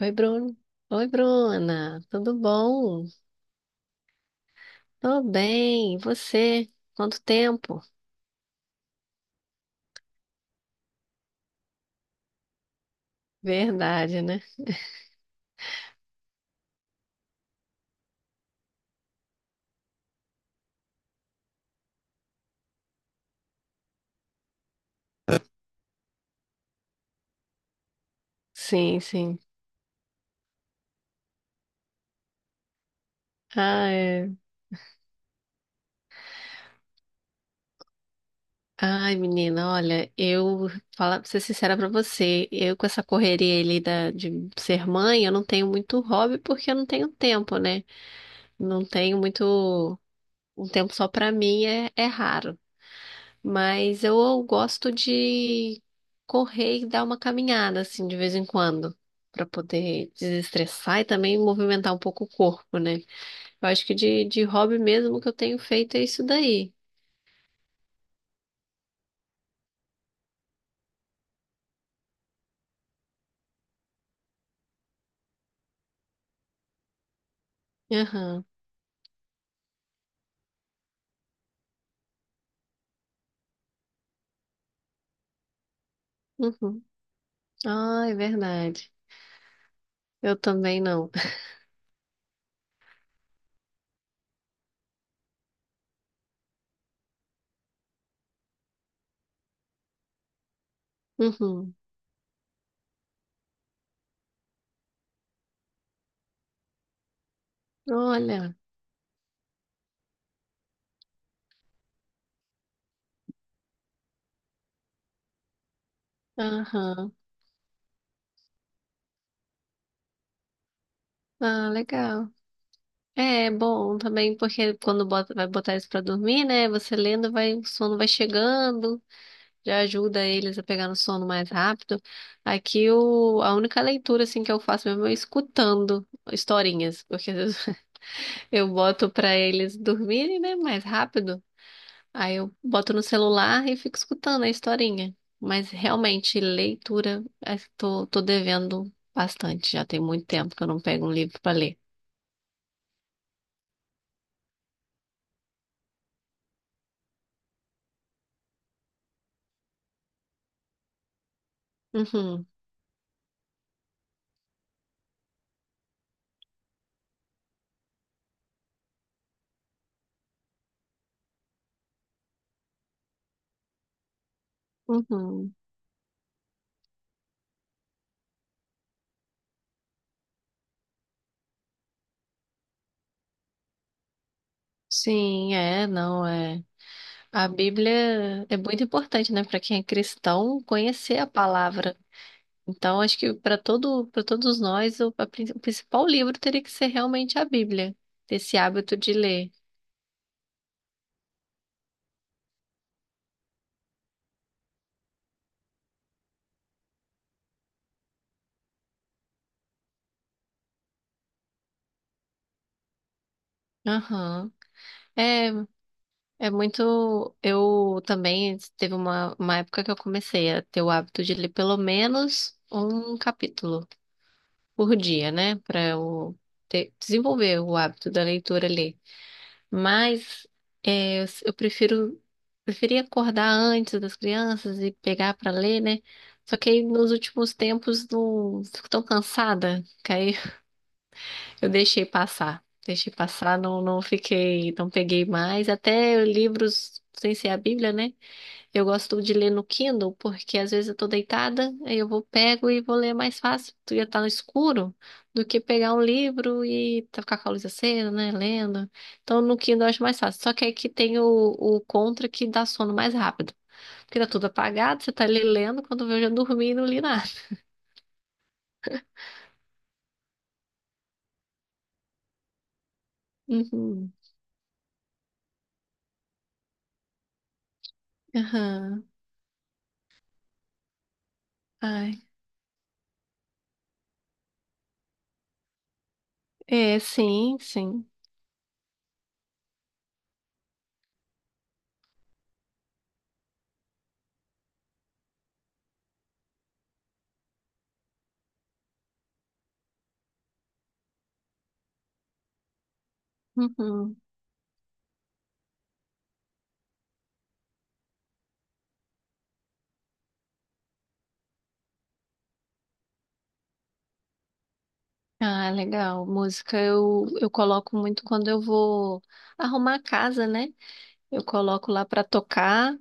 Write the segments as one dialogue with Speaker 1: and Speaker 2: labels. Speaker 1: Oi, Bruno. Oi, Bruna. Tudo bom? Tô bem. E você? Quanto tempo? Verdade, né? Sim, sim. Ah, é. Ai, menina, olha, eu falar pra ser sincera pra você, eu com essa correria ali de ser mãe, eu não tenho muito hobby porque eu não tenho tempo, né? Não tenho muito. Um tempo só pra mim é raro. Mas eu gosto de correr e dar uma caminhada, assim, de vez em quando, para poder desestressar e também movimentar um pouco o corpo, né? Eu acho que de hobby mesmo que eu tenho feito é isso daí. Aham. Uhum. Ah, é verdade. Eu também não. Uhum. Olha. Aham. Ah, legal. É bom também, porque quando bota, vai botar isso pra dormir, né? Você lendo, vai, o sono vai chegando. Já ajuda eles a pegar no sono mais rápido. Aqui a única leitura assim que eu faço mesmo é escutando historinhas, porque às vezes eu boto pra eles dormirem, né, mais rápido. Aí eu boto no celular e fico escutando a historinha. Mas realmente leitura, tô devendo bastante. Já tem muito tempo que eu não pego um livro pra ler. Uhum, uhum. Sim, é, não é. A Bíblia é muito importante, né, para quem é cristão conhecer a palavra. Então, acho que para todo, para todos nós, o principal livro teria que ser realmente a Bíblia, ter esse hábito de ler. Aham. É, é muito. Eu também teve uma época que eu comecei a ter o hábito de ler pelo menos um capítulo por dia, né? Para eu desenvolver o hábito da leitura ali. Mas eu prefiro preferia acordar antes das crianças e pegar para ler, né? Só que aí nos últimos tempos não fico tão cansada que aí eu deixei passar. Deixei passar, não, não fiquei, não peguei mais. Até livros sem ser a Bíblia, né? Eu gosto de ler no Kindle porque às vezes eu tô deitada, aí eu vou pego e vou ler mais fácil. Tu ia estar no escuro do que pegar um livro e ficar com a luz acesa, né, lendo. Então no Kindle eu acho mais fácil. Só que aí que tem o contra que dá sono mais rápido. Porque tá tudo apagado, você tá ali lendo, quando vê eu já dormi e não li nada. Uhum. Aham. Ai. É, sim, sim. Uhum. Ah, legal. Música eu coloco muito quando eu vou arrumar a casa, né? Eu coloco lá pra tocar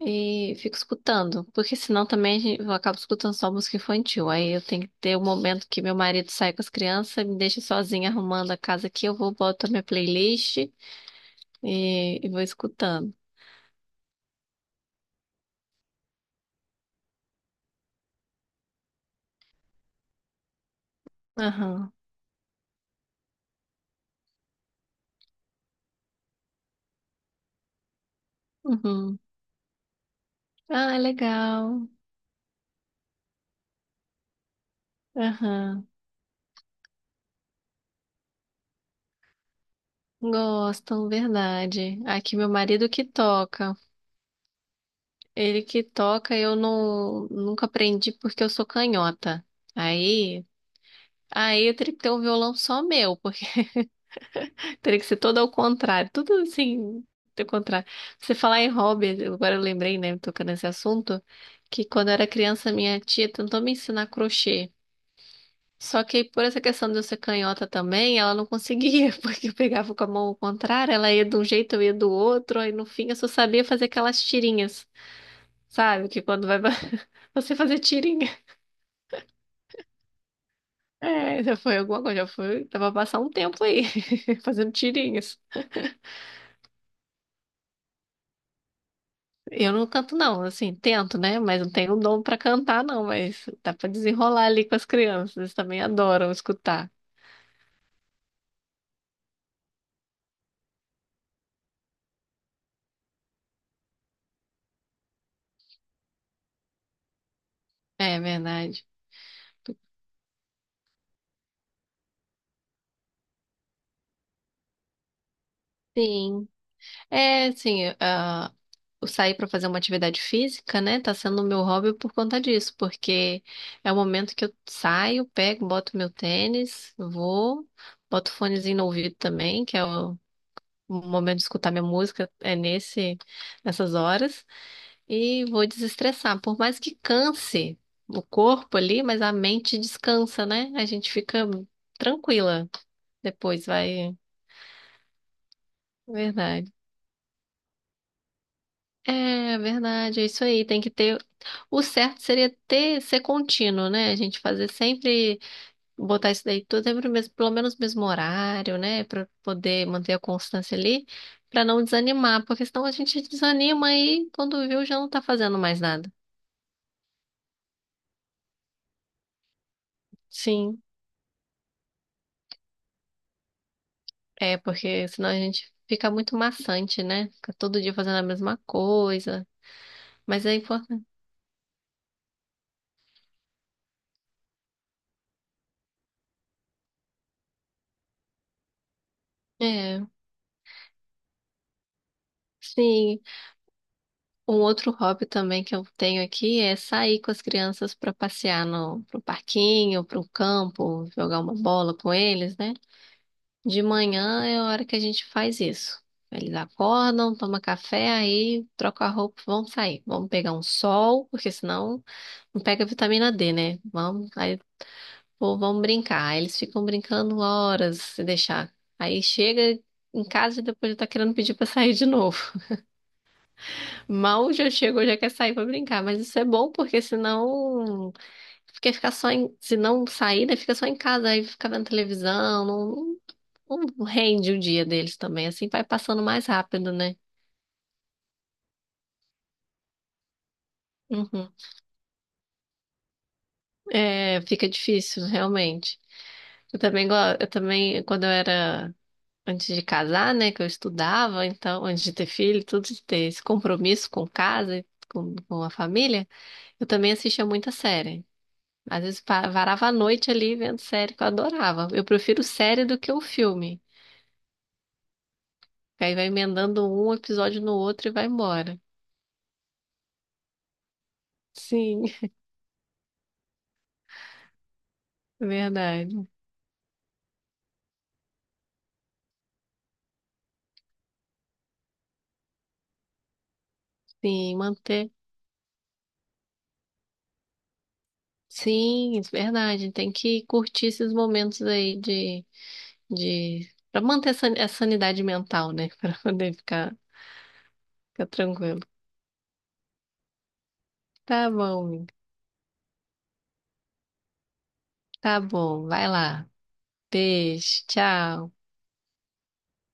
Speaker 1: e fico escutando, porque senão também eu acabo escutando só música infantil. Aí eu tenho que ter o momento que meu marido sai com as crianças, me deixa sozinha arrumando a casa aqui, eu vou boto a minha playlist e vou escutando. Aham. Uhum. Ah, é legal. Aham. Gostam, verdade. Aqui meu marido que toca. Ele que toca, eu não nunca aprendi porque eu sou canhota. Aí, aí eu teria que ter um violão só meu. Teria que ser todo ao contrário, tudo assim, do contrário. Você falar em hobby, agora eu lembrei, né, tocando nesse assunto, que quando eu era criança, minha tia tentou me ensinar crochê. Só que por essa questão de eu ser canhota também, ela não conseguia, porque eu pegava com a mão ao contrário, ela ia de um jeito, eu ia do outro, aí no fim eu só sabia fazer aquelas tirinhas, sabe? Que quando você fazer tirinha. É, já foi alguma coisa, já foi, dava pra passar um tempo aí, fazendo tirinhas. Eu não canto, não, assim, tento, né? Mas não tenho dom pra cantar, não. Mas dá pra desenrolar ali com as crianças, eles também adoram escutar. É verdade. Sim. É, assim, ah, eu sair pra fazer uma atividade física, né? Tá sendo o meu hobby por conta disso, porque é o momento que eu saio, pego, boto meu tênis, vou, boto fonezinho no ouvido também, que é o momento de escutar minha música é nessas horas. E vou desestressar. Por mais que canse o corpo ali, mas a mente descansa, né? A gente fica tranquila. Depois vai. Verdade. É, verdade, é isso aí. Tem que ter. O certo seria ser contínuo, né? A gente fazer sempre, botar isso daí tudo sempre no mesmo, pelo menos no mesmo horário, né? Pra poder manter a constância ali, pra não desanimar, porque senão a gente desanima e quando viu já não tá fazendo mais nada. Sim. É, porque senão a gente fica muito maçante, né? Fica todo dia fazendo a mesma coisa. Mas é importante. É, sim. Um outro hobby também que eu tenho aqui é sair com as crianças para passear no pro parquinho, pro campo, jogar uma bola com eles, né? De manhã é a hora que a gente faz isso. Eles acordam, tomam café, aí trocam a roupa, vão sair. Vamos pegar um sol, porque senão não pega vitamina D, né? Vamos, aí pô, vamos brincar. Aí eles ficam brincando horas se deixar. Aí chega em casa e depois já tá querendo pedir pra sair de novo. Mal já chegou, já quer sair pra brincar. Mas isso é bom porque senão. Porque ficar só em. Se não sair, né? Fica só em casa, aí fica vendo televisão. Não, não- não rende o dia deles também. Assim vai passando mais rápido, né? Uhum. É, fica difícil, realmente. Eu também, go- eu também, quando eu era antes de casar, né, que eu estudava, então, antes de ter filho, tudo de ter esse compromisso com casa, com a família, eu também assistia muita série. Às vezes varava a noite ali vendo série que eu adorava. Eu prefiro série do que o filme. Que aí vai emendando um episódio no outro e vai embora. Sim, verdade. Sim, manter. Sim, isso é verdade. Tem que curtir esses momentos aí de... para manter a a sanidade mental, né? Para poder ficar, ficar tranquilo. Tá bom. Tá bom, vai lá. Beijo, tchau.